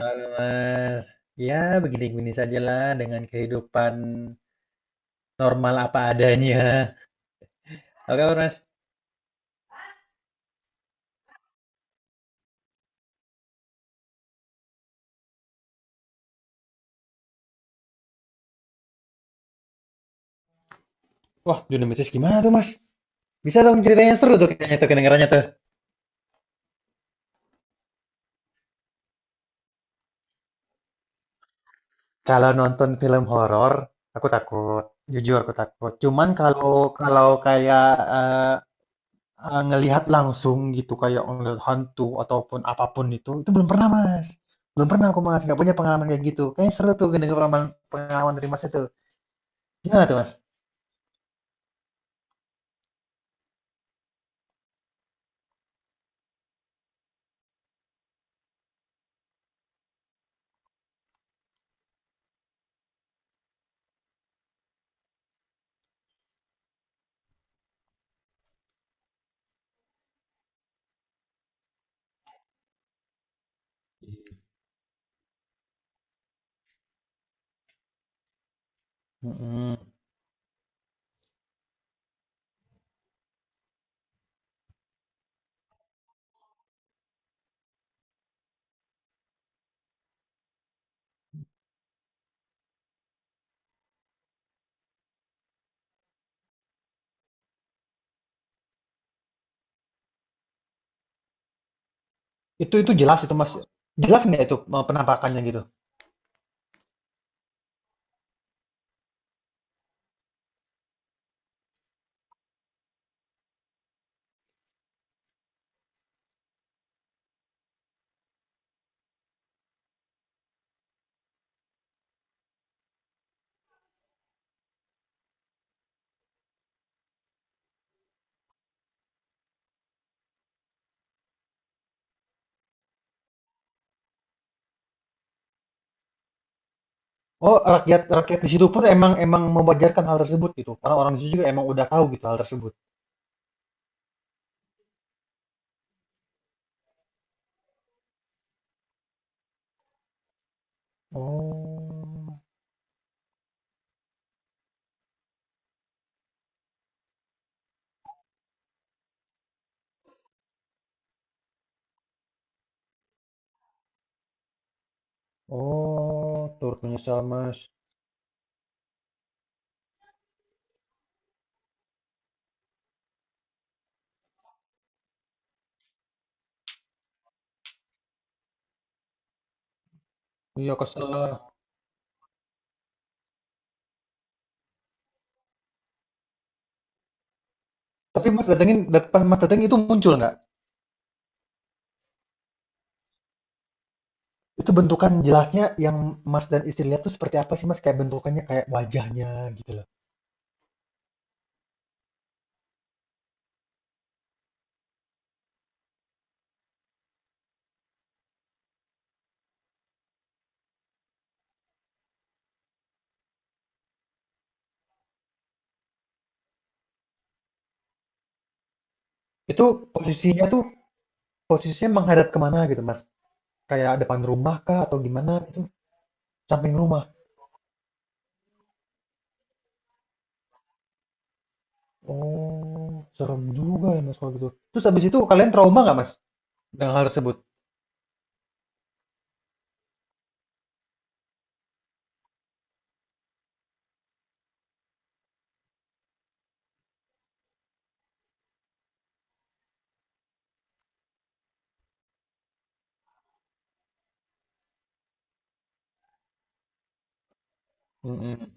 Halo Mas, ya begini-begini sajalah dengan kehidupan normal apa adanya. Oke Mas, wah Dunamis gimana tuh Mas? Bisa dong ceritanya seru tuh kayaknya tuh kedengarannya tuh. Kalau nonton film horor, aku takut, jujur aku takut. Cuman kalau kalau kayak eh, ngelihat langsung gitu kayak ngelihat hantu ataupun apapun itu belum pernah Mas. Belum pernah aku Mas, nggak punya pengalaman kayak gitu. Kayaknya seru tuh dengar pengalaman pengalaman dari Mas itu. Gimana tuh Mas? Mm-mm. Itu jelas itu Mas. Jelas nggak itu penampakannya gitu? Oh, rakyat rakyat di situ pun emang emang mewajarkan hal tersebut gitu. Karena orang di situ juga emang udah tahu gitu hal tersebut. Oh, oh, turut menyesal Mas. Iya kesel lah. Tapi Mas datengin, pas Mas datengin itu muncul nggak? Itu bentukan jelasnya yang Mas dan istri lihat tuh seperti apa sih Mas? Kayak bentukannya, kayak wajahnya gitu loh. Itu posisinya tuh posisinya menghadap kemana gitu Mas? Kayak depan rumah kah atau gimana gitu? Samping rumah. Oh, serem juga ya Mas kalau gitu. Terus habis itu kalian trauma nggak Mas dengan hal tersebut? Mm-mm,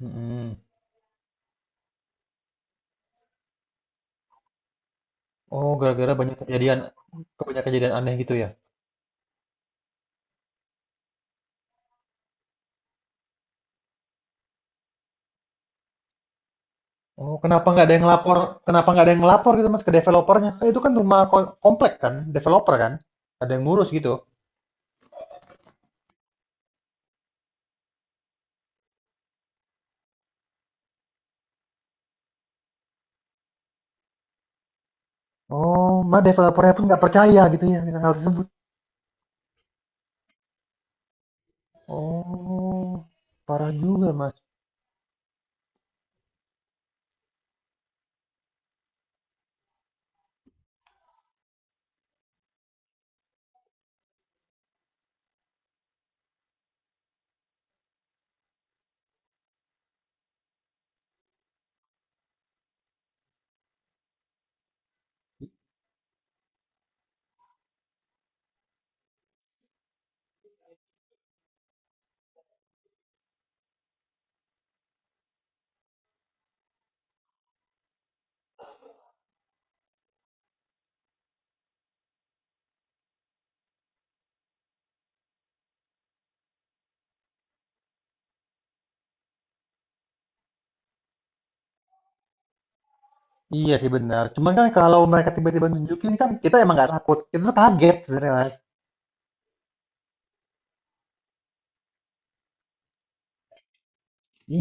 mm-mm. Oh, gara-gara banyak kejadian, kebanyakan kejadian aneh gitu ya. Oh, kenapa nggak ada yang lapor? Kenapa nggak ada yang lapor gitu Mas ke developernya? Eh, itu kan rumah komplek kan, developer kan, ada yang ngurus gitu. Oh, mah developernya pun nggak percaya gitu ya dengan hal tersebut. Oh, parah juga Mas. Iya sih benar. Cuman kan kalau mereka tiba-tiba nunjukin kan kita emang nggak takut, kita tuh kaget sebenarnya Mas.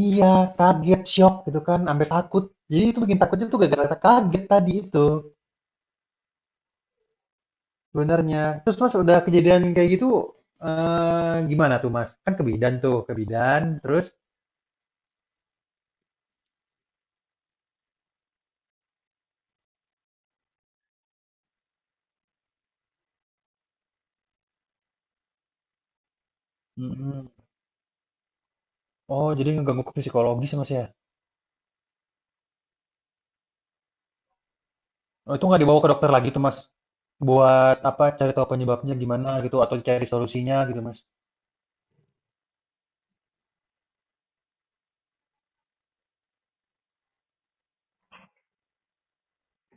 Iya, kaget, shock gitu kan, sampai takut. Jadi itu bikin takutnya tuh gara-gara kaget tadi itu sebenarnya. Terus Mas udah kejadian kayak gitu gimana tuh Mas? Kan ke bidan tuh, ke bidan terus Mm-mm. Oh jadi ngeganggu ke psikologis ya, Mas ya. Oh, itu nggak dibawa ke dokter lagi tuh Mas. Buat apa cari tahu penyebabnya gimana gitu atau cari solusinya gitu Mas.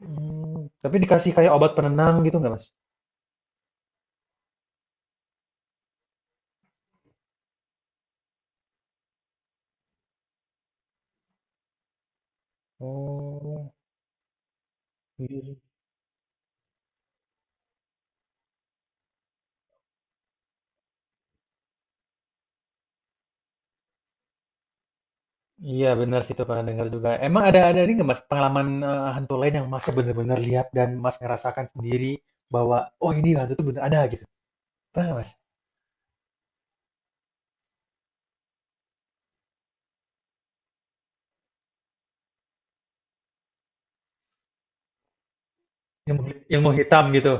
Hmm, tapi dikasih kayak obat penenang gitu nggak Mas? Oh, iya. Iya benar sih itu pernah dengar juga. Emang ada ini nggak mas pengalaman hantu lain yang mas benar-benar lihat dan mas ngerasakan sendiri bahwa oh ini hantu itu benar ada gitu. Pernah nggak, mas? Yang mau yang mau hitam gitu.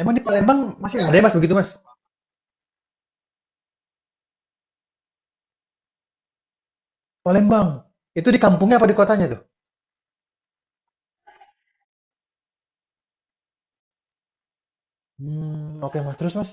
Emang di Palembang masih ada ya mas begitu mas? Palembang itu di kampungnya apa di kotanya tuh? Hmm, oke mas terus mas.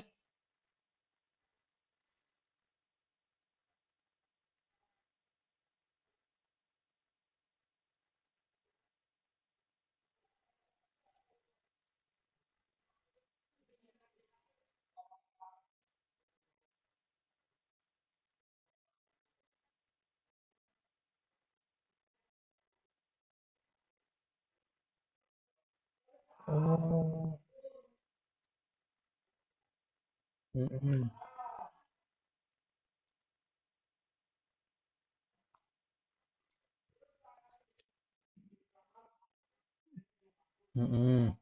Oh, mm-mm, mm-mm.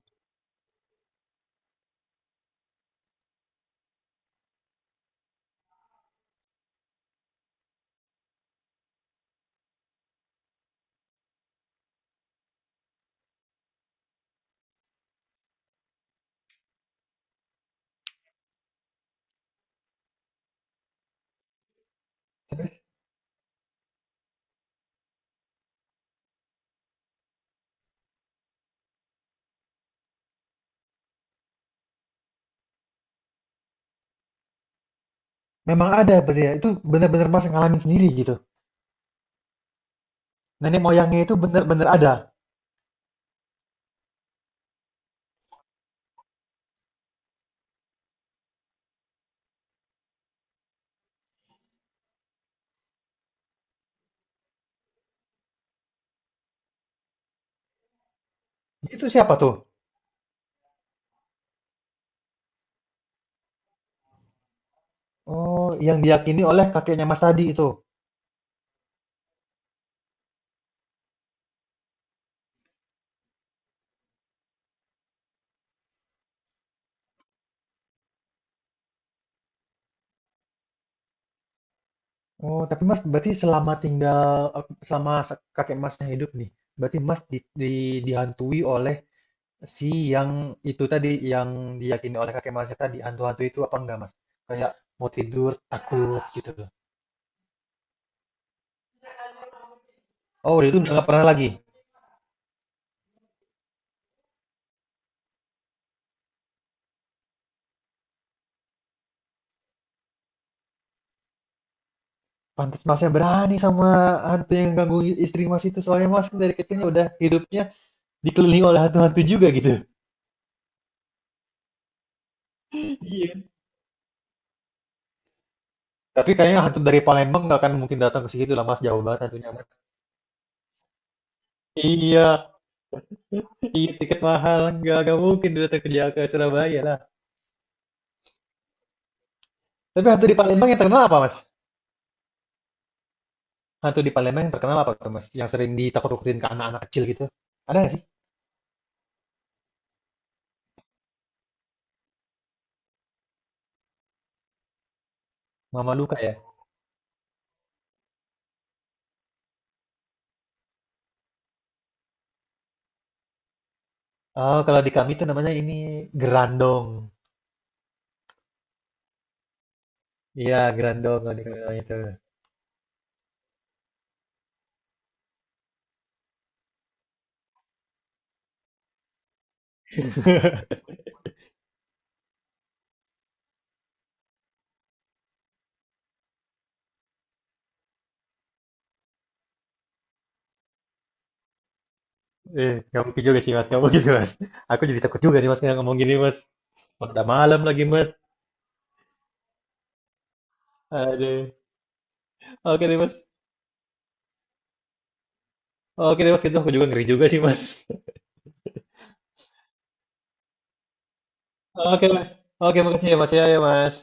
Tapi memang ada berarti ya. Itu benar-benar mas ngalamin sendiri gitu. Nenek moyangnya itu benar-benar ada. Itu siapa tuh? Oh, yang diyakini oleh kakeknya mas tadi itu. Oh, tapi Mas berarti selama kakek Masnya hidup nih, berarti Mas dihantui oleh si yang itu tadi yang diyakini oleh kakek Masnya tadi hantu-hantu itu apa enggak Mas? Kayak mau tidur takut gitu. Oh, dari itu nggak pernah lagi. Pantas Masnya berani sama hantu yang ganggu istri Mas itu soalnya Mas dari kecilnya udah hidupnya dikelilingi oleh hantu-hantu juga gitu. Iya. Tapi kayaknya hantu dari Palembang nggak akan mungkin datang ke situ lah Mas, jauh banget hantunya Mas. Iya, Iya, tiket mahal. Nggak mungkin dia datang kerja ke Surabaya lah. Tapi hantu di Palembang yang terkenal apa, Mas? Hantu di Palembang yang terkenal apa tuh, Mas? Yang sering ditakut-takutin ke anak-anak kecil gitu. Ada nggak sih? Mama Luka ya? Oh, kalau di kami itu namanya ini Gerandong. Iya, Gerandong kalau di kami namanya itu. Eh, nggak mungkin juga sih, Mas. Nggak mungkin, Mas. Aku jadi takut juga nih, Mas, nggak ngomong gini, Mas. Udah malam lagi, Mas. Aduh. Oke deh, Mas. Oke deh, Mas. Itu aku juga ngeri juga sih, Mas. Oke, Mas. Oke, makasih ya, Mas. Ya, ya, Mas.